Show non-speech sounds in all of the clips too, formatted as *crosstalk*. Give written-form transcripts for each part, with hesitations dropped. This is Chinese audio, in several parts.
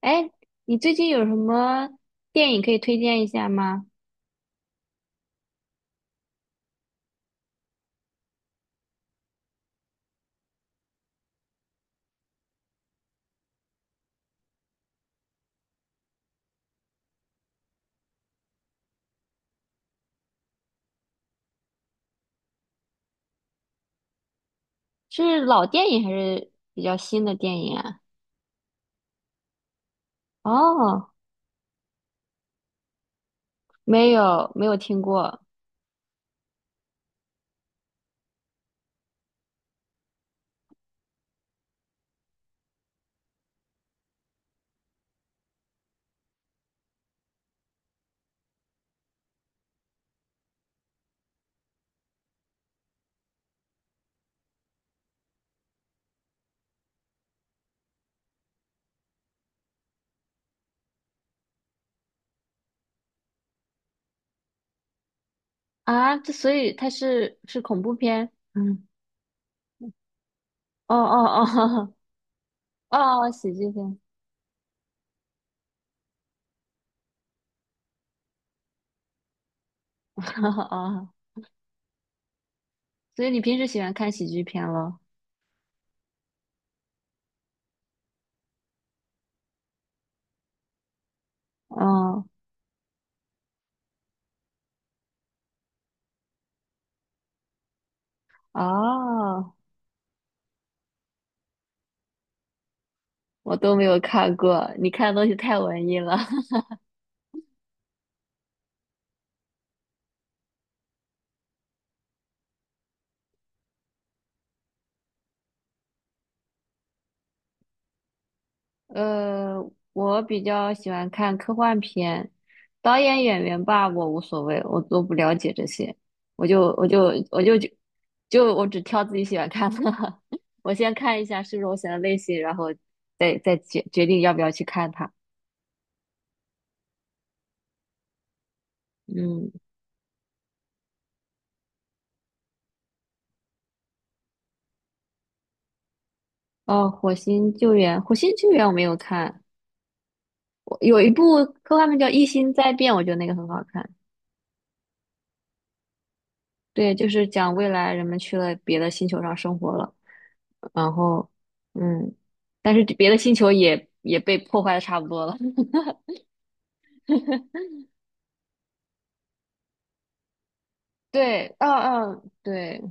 哎，你最近有什么电影可以推荐一下吗？是老电影还是比较新的电影啊？哦，没有，没有听过啊。这所以它是恐怖片？嗯，哦哦哦 *laughs* 哦，喜剧片。*laughs* 哦，所以你平时喜欢看喜剧片咯？哦哦，我都没有看过，你看的东西太文艺了。*laughs* 我比较喜欢看科幻片，导演演员吧，我无所谓，我都不了解这些，我就我就我就就就我只挑自己喜欢看的，*laughs* 我先看一下是不是我喜欢的类型，然后再决定要不要去看它。嗯，哦，《火星救援》，《火星救援》我没有看，我有一部科幻片叫《异星灾变》，我觉得那个很好看。对，就是讲未来人们去了别的星球上生活了。然后，嗯，但是别的星球也被破坏的差不多了。*laughs* 对，嗯、嗯、对，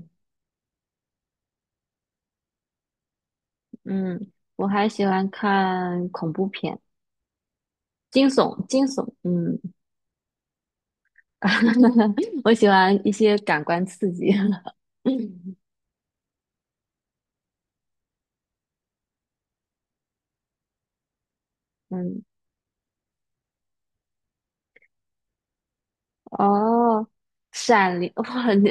嗯，我还喜欢看恐怖片，惊悚，惊悚，*laughs* 我喜欢一些感官刺激。*laughs* 嗯嗯，哦，《闪灵》哇，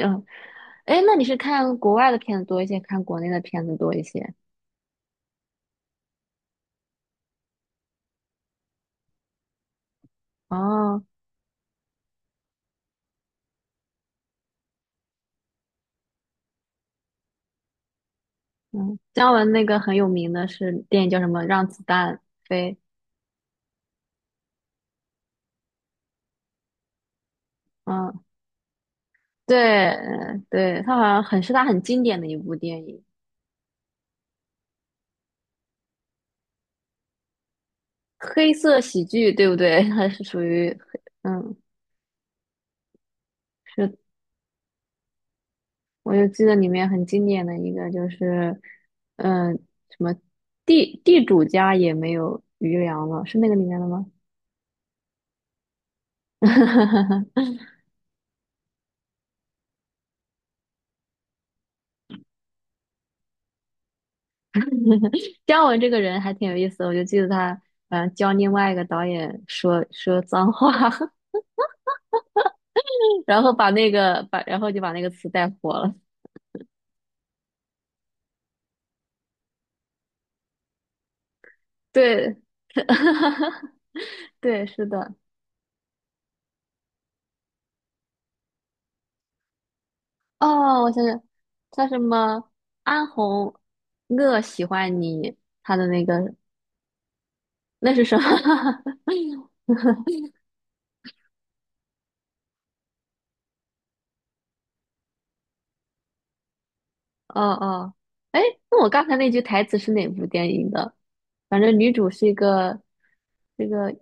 哎，那你是看国外的片子多一些，看国内的片子多一些？哦，嗯，姜文那个很有名的是电影叫什么《让子弹飞》，嗯。对对，他好像很是他很经典的一部电影，黑色喜剧，对不对？*laughs* 他是属于黑，是，我就记得里面很经典的一个就是，嗯，什么地主家也没有余粮了，是那个里面的吗？*laughs* 姜文这个人还挺有意思的，我就记得他，教另外一个导演说说脏话，*laughs* 然后把那个把，然后就把那个词带火了。对，*laughs* 对，是的。哦，我想想，叫什么？安红，我喜欢你，他的那个那是什么？*laughs* 哦哦，哎，那我刚才那句台词是哪部电影的？反正女主是一个这个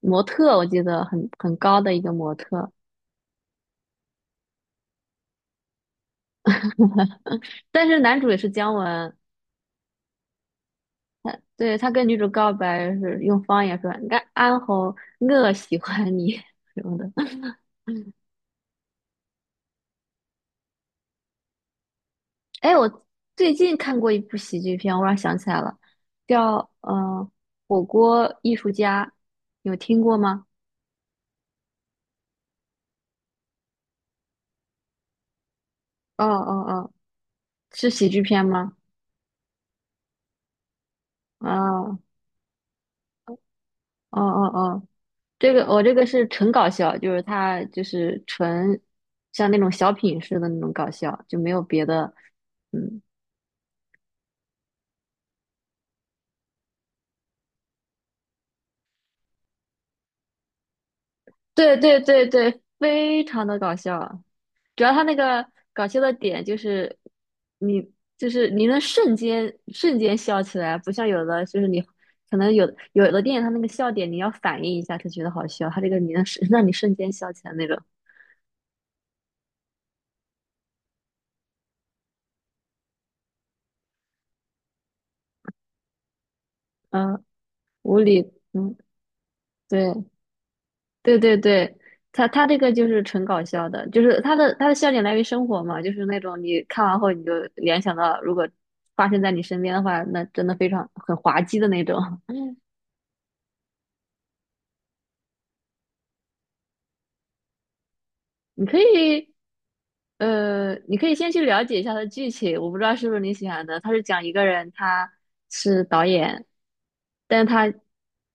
模特，我记得很高的一个模特，但是男主也是姜文，对，他跟女主告白是用方言说安红，我喜欢你 *laughs* 什么的。哎，我最近看过一部喜剧片，我突然想起来了，叫火锅艺术家》，有听过吗？哦哦哦，是喜剧片吗？哦哦哦哦，这个我、这个是纯搞笑，就是它就是纯像那种小品似的那种搞笑，就没有别的，嗯，对对对对，非常的搞笑，主要他那个搞笑的点就是你就是你能瞬间笑起来，不像有的就是你可能有的电影它那个笑点你要反应一下才觉得好笑，它这个你能瞬 *laughs* 让你瞬间笑起来那种，嗯，无厘，嗯，对对对对，他这个就是纯搞笑的，就是他的笑点来源于生活嘛，就是那种你看完后你就联想到如果发生在你身边的话，那真的非常很滑稽的那种，*laughs* 你可以，你可以先去了解一下它的剧情，我不知道是不是你喜欢的。它是讲一个人，他是导演，但他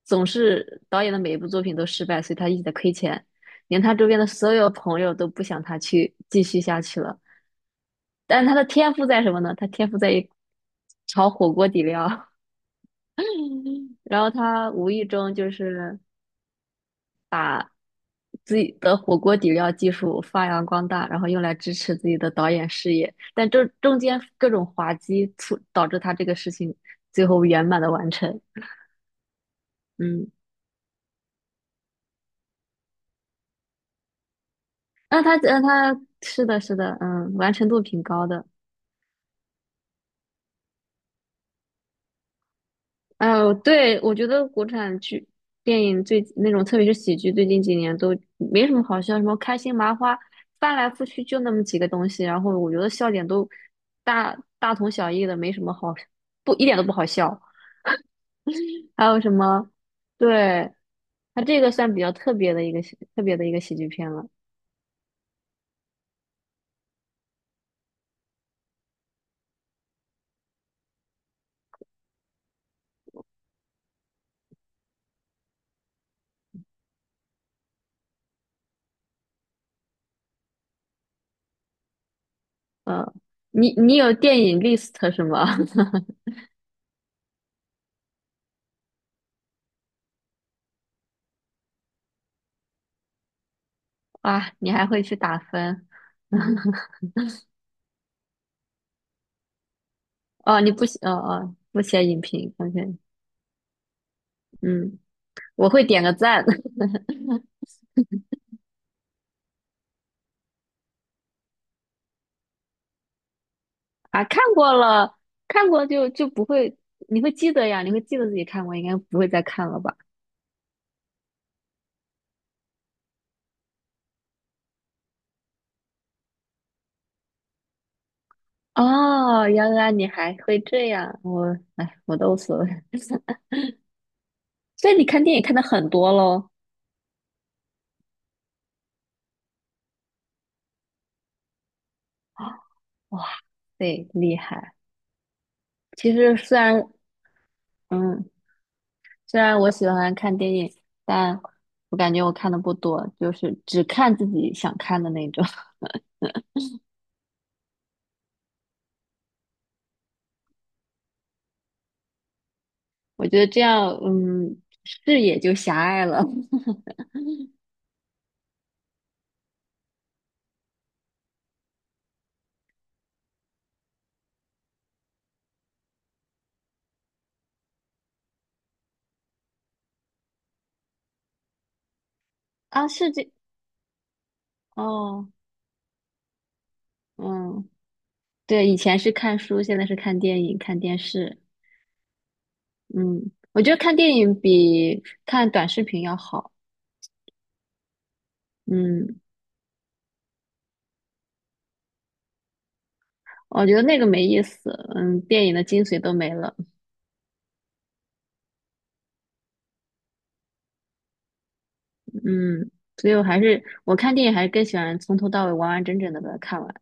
总是导演的每一部作品都失败，所以他一直在亏钱，连他周边的所有朋友都不想他去继续下去了。但是他的天赋在什么呢？他天赋在于炒火锅底料，*laughs* 然后他无意中就是自己的火锅底料技术发扬光大，然后用来支持自己的导演事业。但这中间各种滑稽促导致他这个事情最后圆满的完成。嗯，那他是的是的，完成度挺高的。哎呦，对，我觉得国产剧电影最那种，特别是喜剧，最近几年都没什么好笑，什么开心麻花，翻来覆去就那么几个东西，然后我觉得笑点都大大同小异的，没什么好，不一点都不好笑。还有什么？对，它这个算比较特别的一个喜剧片了。嗯，你有电影 list 是吗？*laughs* 啊，你还会去打分？*laughs* 哦，你不写，哦哦，不写影评，OK，嗯，我会点个赞 *laughs* 啊，看过了，看过就不会，你会记得呀，你会记得自己看过，应该不会再看了吧？哦，原来你还会这样，哎，我都无所谓，*laughs* 所以你看电影看的很多喽。哇对，厉害！其实嗯，虽然我喜欢看电影，但我感觉我看的不多，就是只看自己想看的那种。*laughs* 我觉得这样，视野就狭隘了。*laughs* 啊，是这，哦，嗯，对，以前是看书，现在是看电影、看电视。嗯，我觉得看电影比看短视频要好。嗯，我觉得那个没意思。嗯，电影的精髓都没了。嗯，所以我看电影还是更喜欢从头到尾完完整整的把它看完。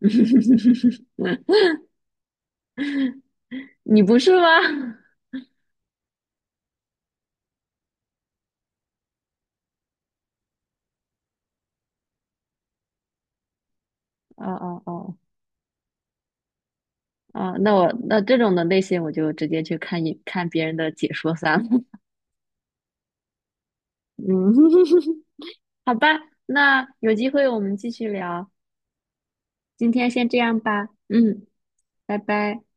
*laughs* 你不是吗？哦哦哦哦，那这种的类型我就直接去看一看别人的解说算了。*laughs* 嗯，*laughs* 好吧，那有机会我们继续聊，今天先这样吧。嗯，拜拜。